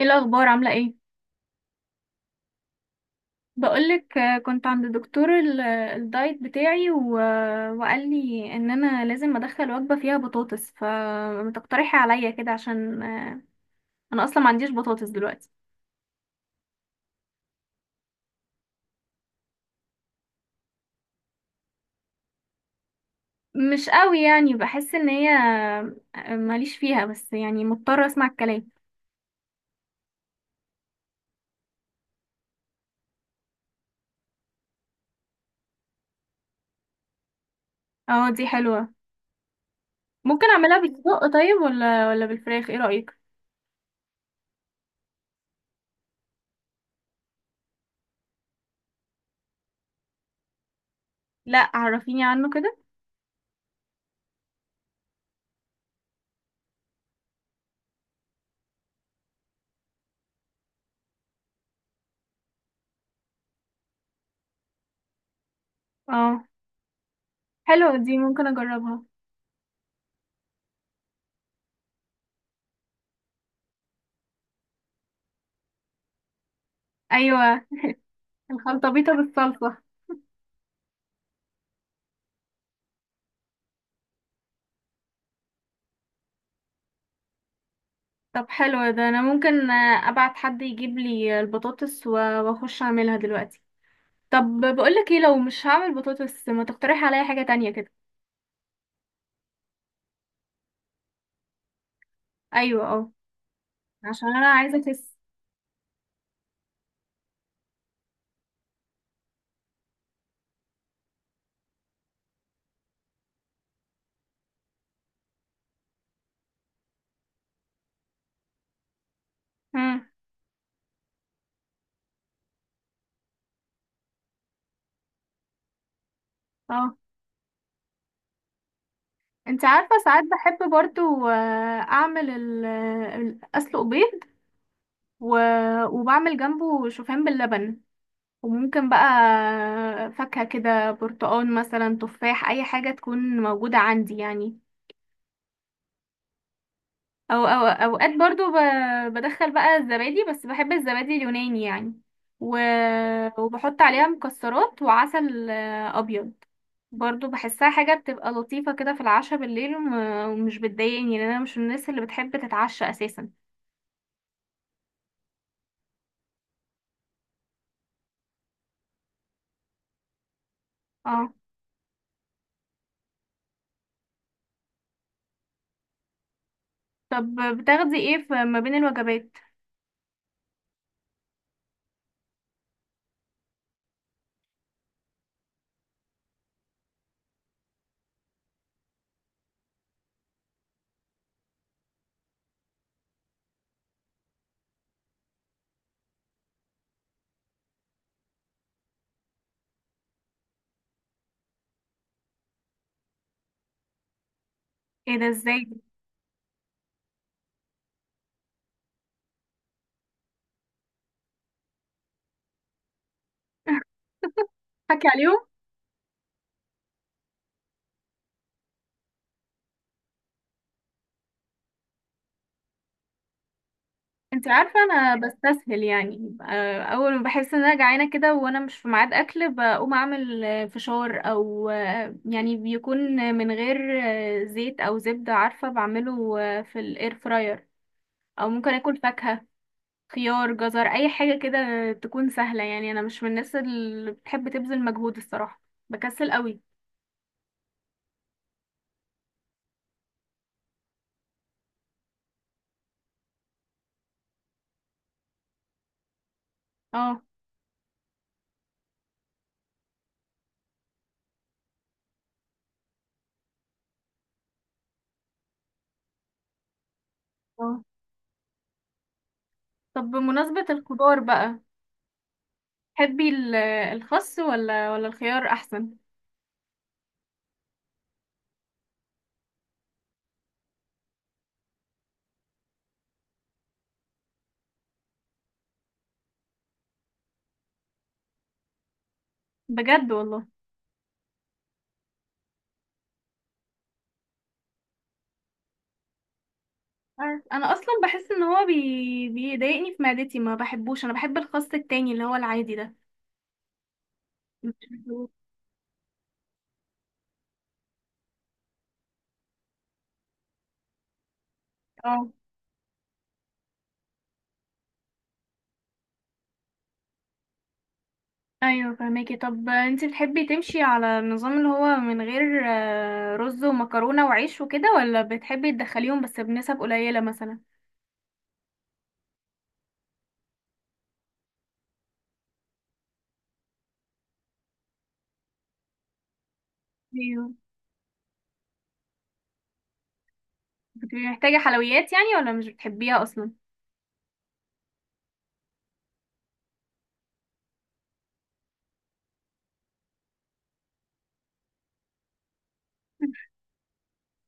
ايه الاخبار عامله ايه؟ بقولك كنت عند دكتور الدايت بتاعي وقال لي ان انا لازم ادخل وجبه فيها بطاطس فتقترحي عليا كده عشان انا اصلا ما عنديش بطاطس دلوقتي. مش قوي يعني، بحس ان هي ماليش فيها، بس يعني مضطره اسمع الكلام. اه دي حلوه. ممكن اعملها بالسجق طيب ولا بالفراخ؟ ايه رايك؟ لا عرفيني عنه كده. اه حلوه دي، ممكن اجربها. ايوه الخلطبيطه بالصلصه. طب حلو ده، انا ممكن ابعت حد يجيب لي البطاطس واخش اعملها دلوقتي. طب بقولك ايه، لو مش هعمل بطاطس ما تقترح عليا حاجة تانية كده؟ ايوه اه، عشان انا عايزة اخس. مم، اه. انت عارفة ساعات بحب برضو اعمل اسلق بيض و... وبعمل جنبه شوفان باللبن، وممكن بقى فاكهة كده، برتقال مثلا، تفاح، اي حاجة تكون موجودة عندي يعني. او او اوقات برضو بدخل بقى الزبادي، بس بحب الزبادي اليوناني يعني، و... وبحط عليها مكسرات وعسل ابيض. برضو بحسها حاجة بتبقى لطيفة كده في العشاء بالليل، ومش بتضايقني لان انا مش من الناس اللي بتحب تتعشى اساسا. اه. طب بتاخدي ايه في ما بين الوجبات؟ ايه ده، ازاي؟ حكي عليهم. انت عارفة انا بستسهل، يعني اول ما بحس ان انا جعانة كده وانا مش في ميعاد اكل بقوم اعمل فشار، او يعني بيكون من غير زيت او زبدة، عارفة، بعمله في الاير فراير. او ممكن اكل فاكهة، خيار، جزر، اي حاجة كده تكون سهلة، يعني انا مش من الناس اللي بتحب تبذل مجهود الصراحة، بكسل قوي. اه اه. طب بمناسبة الخضار بقى، تحبي الخس ولا الخيار احسن؟ بجد والله؟ عارف. انا اصلا بحس ان هو بيضايقني في معدتي، ما بحبوش، انا بحب الخس التاني اللي هو العادي ده. مش بحبه. اه. ايوه فهماكي. طب انت بتحبي تمشي على النظام اللي هو من غير رز ومكرونه وعيش وكده، ولا بتحبي تدخليهم بس بنسب قليله مثلا؟ ايوه. بتبقي محتاجه حلويات يعني، ولا مش بتحبيها اصلا؟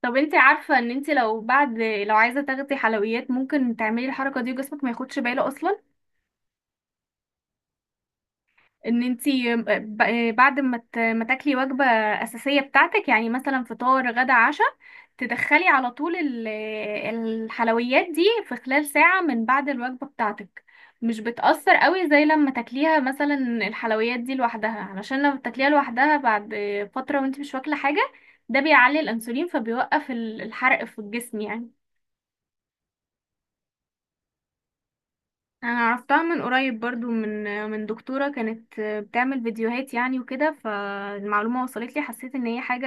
طب انت عارفه ان انت لو بعد، لو عايزه تاخدي حلويات، ممكن تعملي الحركه دي وجسمك ما ياخدش باله اصلا؟ ان انتي بعد ما تاكلي وجبة أساسية بتاعتك يعني، مثلا فطار، غدا، عشاء، تدخلي على طول الحلويات دي في خلال ساعة من بعد الوجبة بتاعتك، مش بتأثر قوي زي لما تاكليها مثلا الحلويات دي لوحدها، علشان لما تاكليها لوحدها بعد فترة وانتي مش واكلة حاجة، ده بيعلي الأنسولين فبيوقف الحرق في الجسم يعني. انا عرفتها من قريب برضو من دكتورة كانت بتعمل فيديوهات يعني وكده، فالمعلومة وصلت لي، حسيت ان هي حاجة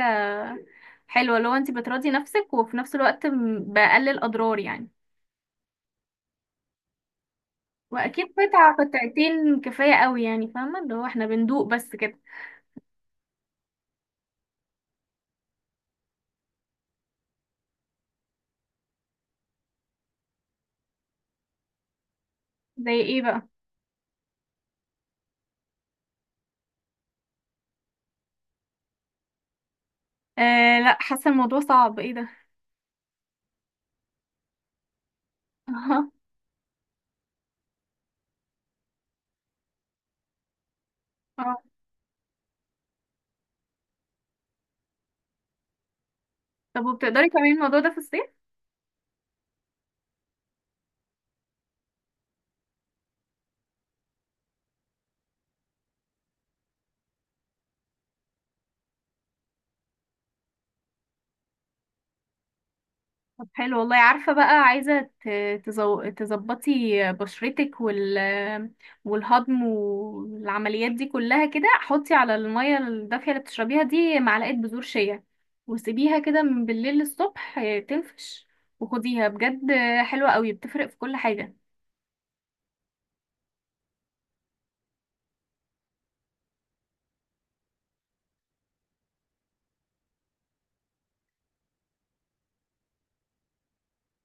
حلوة لو انت بتراضي نفسك وفي نفس الوقت بقلل اضرار يعني. واكيد قطعة قطعتين كفاية قوي يعني، فاهمة اللي هو احنا بندوق بس كده. زي ايه بقى؟ آه لا حاسة الموضوع صعب، ايه ده؟ اه. طب وبتقدري تعملي الموضوع ده في الصيف؟ طب حلو والله. عارفة بقى، عايزة تظبطي بشرتك والهضم والعمليات دي كلها كده، حطي على المية الدافية اللي بتشربيها دي معلقة بذور شيا، وسيبيها كده من بالليل للصبح، تنفش، وخديها بجد، حلوة قوي، بتفرق في كل حاجة.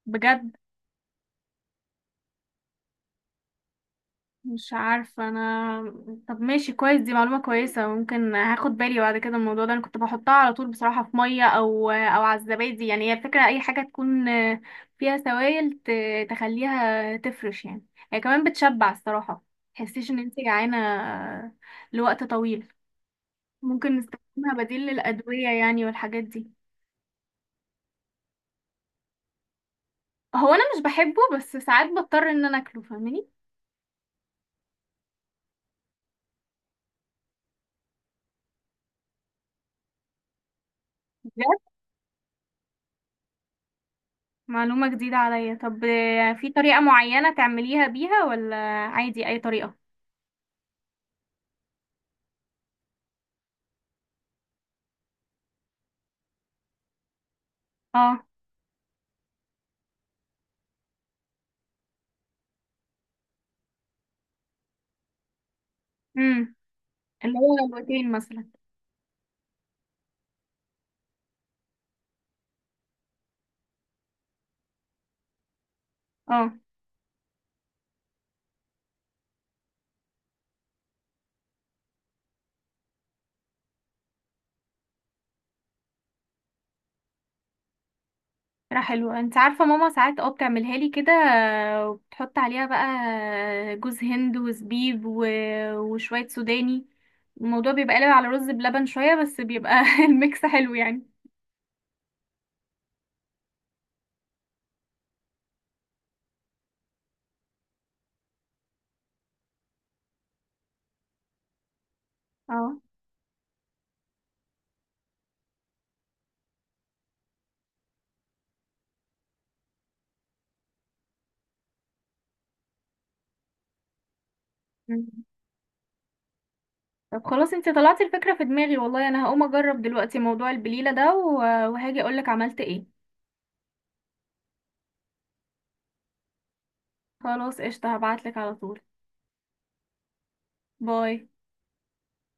بجد؟ مش عارفة انا. طب ماشي كويس، دي معلومة كويسة، ممكن هاخد بالي بعد كده من الموضوع ده. انا كنت بحطها على طول بصراحة في مية، او او على الزبادي يعني، هي الفكرة اي حاجة تكون فيها سوائل تخليها تفرش يعني. هي كمان بتشبع الصراحة، تحسيش ان انت جعانة لوقت طويل، ممكن نستخدمها بديل للأدوية يعني والحاجات دي. هو انا مش بحبه، بس ساعات بضطر ان انا اكله، فاهماني. معلومة جديدة عليا. طب في طريقة معينة تعمليها بيها ولا عادي أي طريقة؟ اه. امم. اللي هو الوتين مثلا. اه. فكرة حلوة. انت عارفة ماما ساعات اه بتعملها لي كده، وبتحط عليها بقى جوز هند وزبيب وشوية سوداني، الموضوع بيبقى قلب على رز بلبن شوية بس بيبقى الميكس حلو يعني. اه. مم. طب خلاص انت طلعتي الفكرة في دماغي والله، انا هقوم اجرب دلوقتي موضوع البليلة ده وهاجي اقولك عملت ايه. خلاص قشطة، هبعتلك على طول. باي.